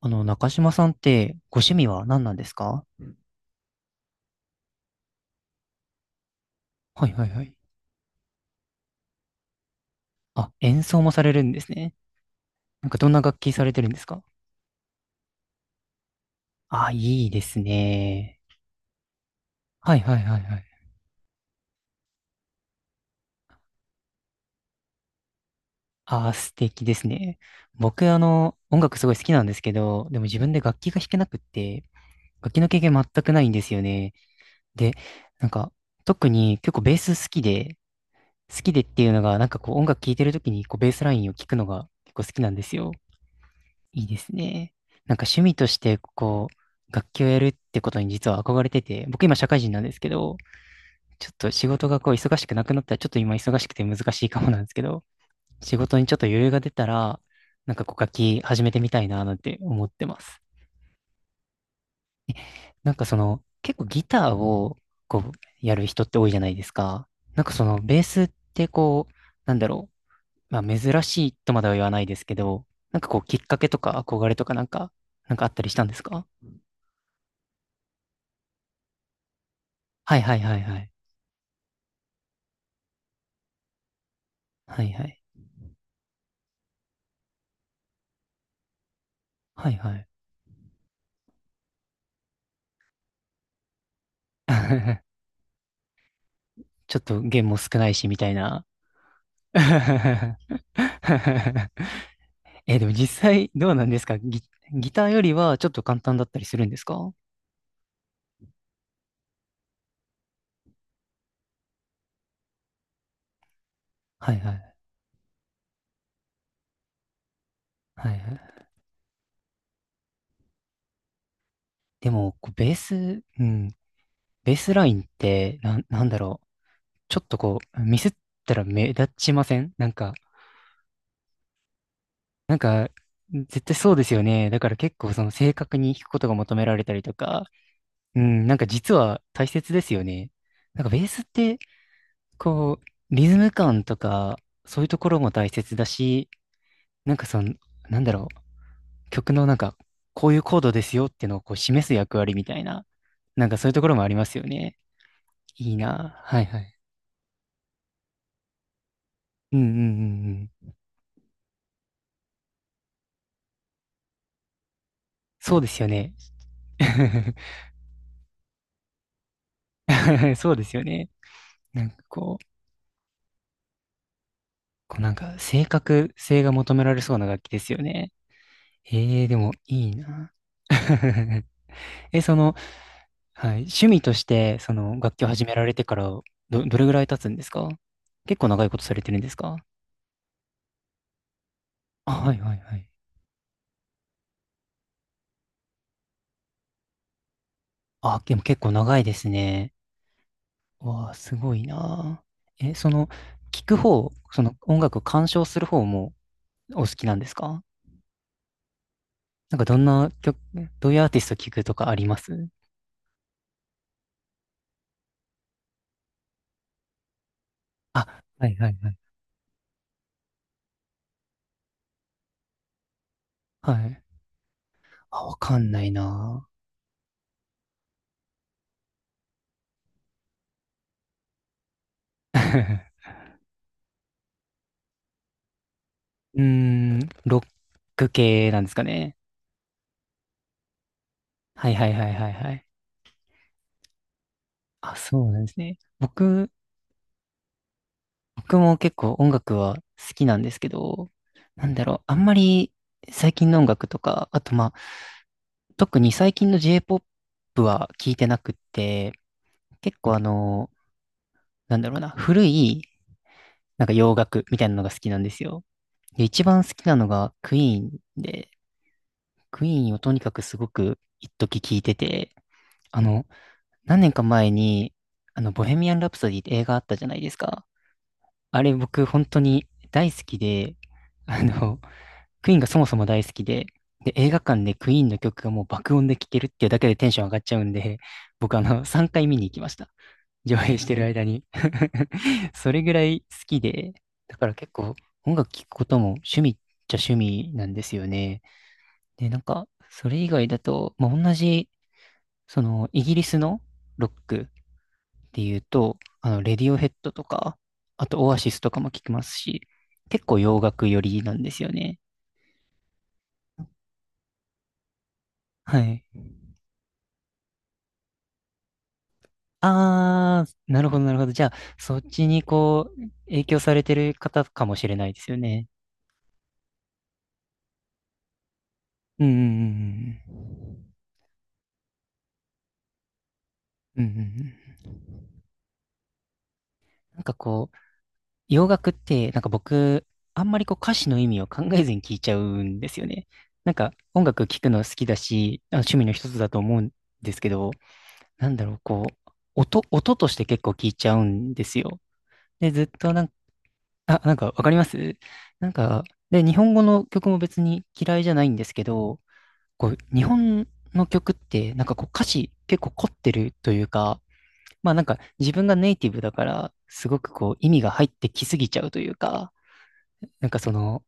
中島さんってご趣味は何なんですか？はいはいはい。あ、演奏もされるんですね。なんかどんな楽器されてるんですか？あ、いいですね。はいはいはいはい。あ、素敵ですね。僕、音楽すごい好きなんですけど、でも自分で楽器が弾けなくって、楽器の経験全くないんですよね。で、なんか、特に結構ベース好きで、好きでっていうのが、なんかこう音楽聴いてる時にこうベースラインを聴くのが結構好きなんですよ。いいですね。なんか趣味として、こう、楽器をやるってことに実は憧れてて、僕今社会人なんですけど、ちょっと仕事がこう忙しくなくなったら、ちょっと今忙しくて難しいかもなんですけど、仕事にちょっと余裕が出たら、なんかこう楽器始めてみたいななんて思ってます。なんかその、結構ギターをこう、やる人って多いじゃないですか。なんかその、ベースってこう、なんだろまあ珍しいとまでは言わないですけど、なんかこうきっかけとか憧れとかなんか、なんかあったりしたんですか？はいはいはいはい。はいはい。はいはい。ちょっと弦も少ないし、みたいな。え、でも実際どうなんですか、ギ、ギターよりはちょっと簡単だったりするんですか？はいはい。はいはい。でも、こうベース、うん、ベースラインって、なん、なんだろう。ちょっとこう、ミスったら目立ちませんなんか、なんか、絶対そうですよね。だから結構その正確に弾くことが求められたりとか、うん、なんか実は大切ですよね。なんかベースって、こう、リズム感とか、そういうところも大切だし、なんかその、なんだろ曲のなんか、こういうコードですよっていうのをこう示す役割みたいな、なんかそういうところもありますよね。いいな。はいはい。うんうんうんうん。そうですよね。そうですよね。なんかこう、こうなんか正確性が求められそうな楽器ですよね。ええー、でもいいな。え、その、はい。趣味として、その、楽器を始められてから、ど、どれぐらい経つんですか？結構長いことされてるんですか？あ、はいはいはい。あ、でも結構長いですね。わあ、すごいなあ。え、その、聞く方、その、音楽を鑑賞する方もお好きなんですか？なんかどんな曲、どういうアーティスト聞くとかあります？あ、はいはいはい。はい。あ、わかんないなあ。うーん、ロック系なんですかね。はいはいはいはいはい。あ、そうなんですね。僕も結構音楽は好きなんですけど、なんだろう、あんまり最近の音楽とか、あとまあ、特に最近の J-POP は聞いてなくって、結構あの、なんだろうな、古いなんか洋楽みたいなのが好きなんですよ。で、一番好きなのがクイーンで、クイーンをとにかくすごく一時聞いてて、あの、何年か前に、ボヘミアン・ラプソディって映画あったじゃないですか。あれ僕本当に大好きで、あの、クイーンがそもそも大好きで、で、映画館でクイーンの曲がもう爆音で聴けるっていうだけでテンション上がっちゃうんで、僕あの、3回見に行きました。上映してる間に それぐらい好きで、だから結構音楽聴くことも趣味っちゃ趣味なんですよね。で、なんか、それ以外だと、まあ、同じ、その、イギリスのロックっていうと、レディオヘッドとか、あとオアシスとかも聴きますし、結構洋楽寄りなんですよね。はい。ああ、なるほど、なるほど。じゃあ、そっちにこう、影響されてる方かもしれないですよね。うんうんうんうん。うんうんうん。なんかこう、洋楽って、なんか僕、あんまりこう歌詞の意味を考えずに聞いちゃうんですよね。なんか音楽聴くの好きだし、あ趣味の一つだと思うんですけど、なんだろう、こう、音、音として結構聞いちゃうんですよ。で、ずっとなんかあ、なんかわかりますなんか、で、日本語の曲も別に嫌いじゃないんですけど、こう、日本の曲って、なんかこう歌詞結構凝ってるというか、まあなんか自分がネイティブだから、すごくこう意味が入ってきすぎちゃうというか、なんかその、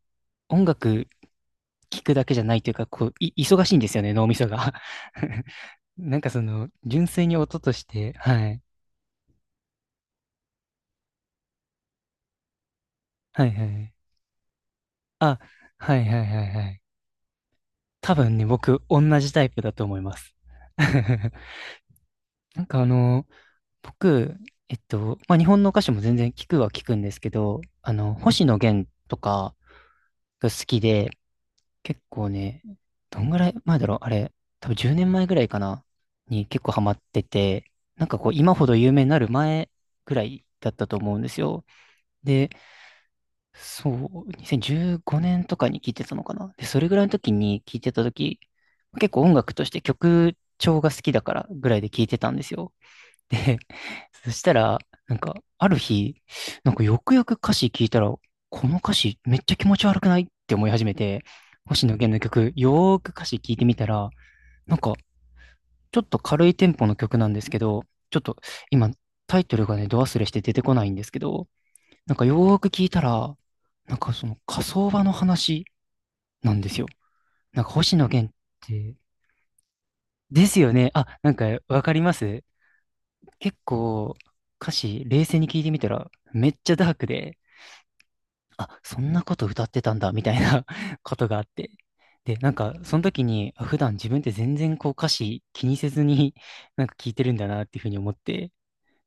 音楽聴くだけじゃないというか、こう、い、忙しいんですよね、脳みそが。なんかその、純粋に音として、はい。はいはい。あ、はいはいはいはい。多分ね、僕、同じタイプだと思います。なんかあの、僕、えっと、まあ、日本の歌手も全然聞くは聞くんですけど、星野源とかが好きで、結構ね、どんぐらい前だろうあれ、多分10年前ぐらいかなに結構ハマってて、なんかこう、今ほど有名になる前ぐらいだったと思うんですよ。で、そう、2015年とかに聞いてたのかなで、それぐらいの時に聞いてた時、結構音楽として曲調が好きだからぐらいで聞いてたんですよ。で、そしたら、なんか、ある日、なんかよくよく歌詞聞いたら、この歌詞めっちゃ気持ち悪くないって思い始めて、星野源の曲、よーく歌詞聞いてみたら、ちょっと軽いテンポの曲なんですけど、ちょっと今タイトルがね、ド忘れして出てこないんですけど、なんかよーく聞いたら、なんかその火葬場の話なんですよ。なんか星野源って、ですよね。あ、なんかわかります結構歌詞冷静に聞いてみたらめっちゃダークで、あ、そんなこと歌ってたんだ、みたいな ことがあって。で、なんか、その時に、あ普段自分って全然こう歌詞気にせずに、なんか聞いてるんだなっていうふうに思って、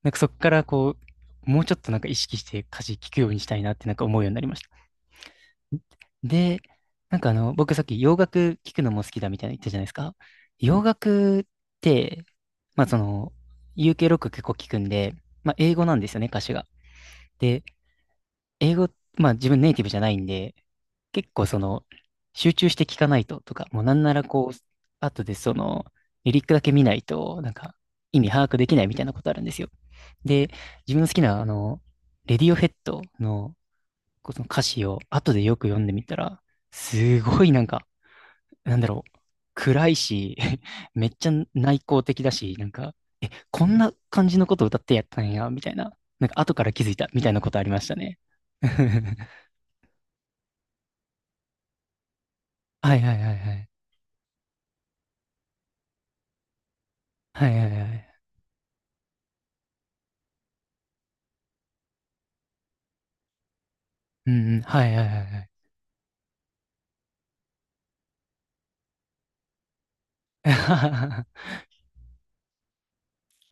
なんかそこからこう、もうちょっとなんか意識して歌詞聞くようにしたいなってなんか思うようになりました。で、なんかあの、僕さっき洋楽聞くのも好きだみたいな言ったじゃないですか。洋楽って、まあその、UK ロック結構聞くんで、まあ英語なんですよね、歌詞が。で、英語、まあ自分ネイティブじゃないんで、結構その、集中して聞かないととか、もうなんならこう、後でその、リリックだけ見ないと、なんか、意味把握できないみたいなことあるんですよ。で、自分の好きな、レディオヘッドの、こうその歌詞を後でよく読んでみたら、すごいなんか、なんだろう、暗いし、めっちゃ内向的だし、なんか、え、こんな感じのことを歌ってやったんや、みたいな、なんか後から気づいた、みたいなことありましたね。はいはいはいはい。はいはいはい。うんうん。はいはいはいはい。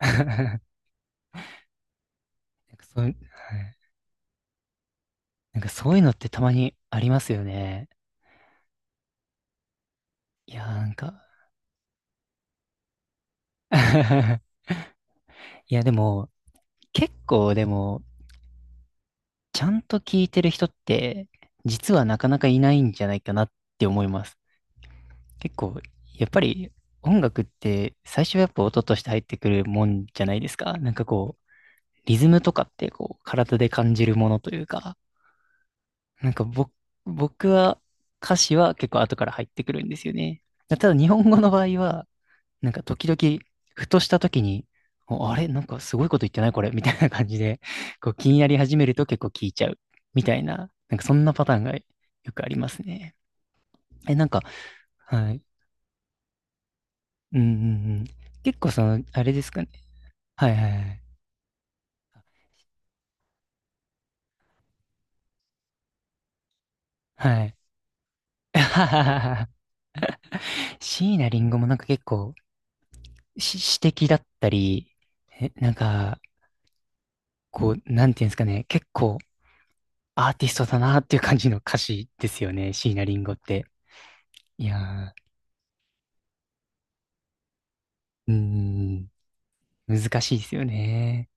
なんかそう、はい。なんかそういうのってたまにありますよね。いやーなんか いやでも、結構でも、ちゃんと聞いてる人って、実はなかなかいないんじゃないかなって思います。結構、やっぱり音楽って最初はやっぱ音として入ってくるもんじゃないですか。なんかこう、リズムとかってこう、体で感じるものというか。なんか僕、僕は歌詞は結構後から入ってくるんですよね。ただ日本語の場合は、なんか時々、ふとした時に、おあれなんかすごいこと言ってないこれみたいな感じで、こう気になり始めると結構聞いちゃう。みたいな、なんかそんなパターンがよくありますね。え、なんか、はい。うんうんうん。結構その、あれですかね。はいはいはい。はい。あはははは椎名林檎もなんか結構し詩的だったり、え、なんか、こう、なんていうんですかね、結構アーティストだなっていう感じの歌詞ですよね、椎名林檎って。いやー、うーん、難しいですよね。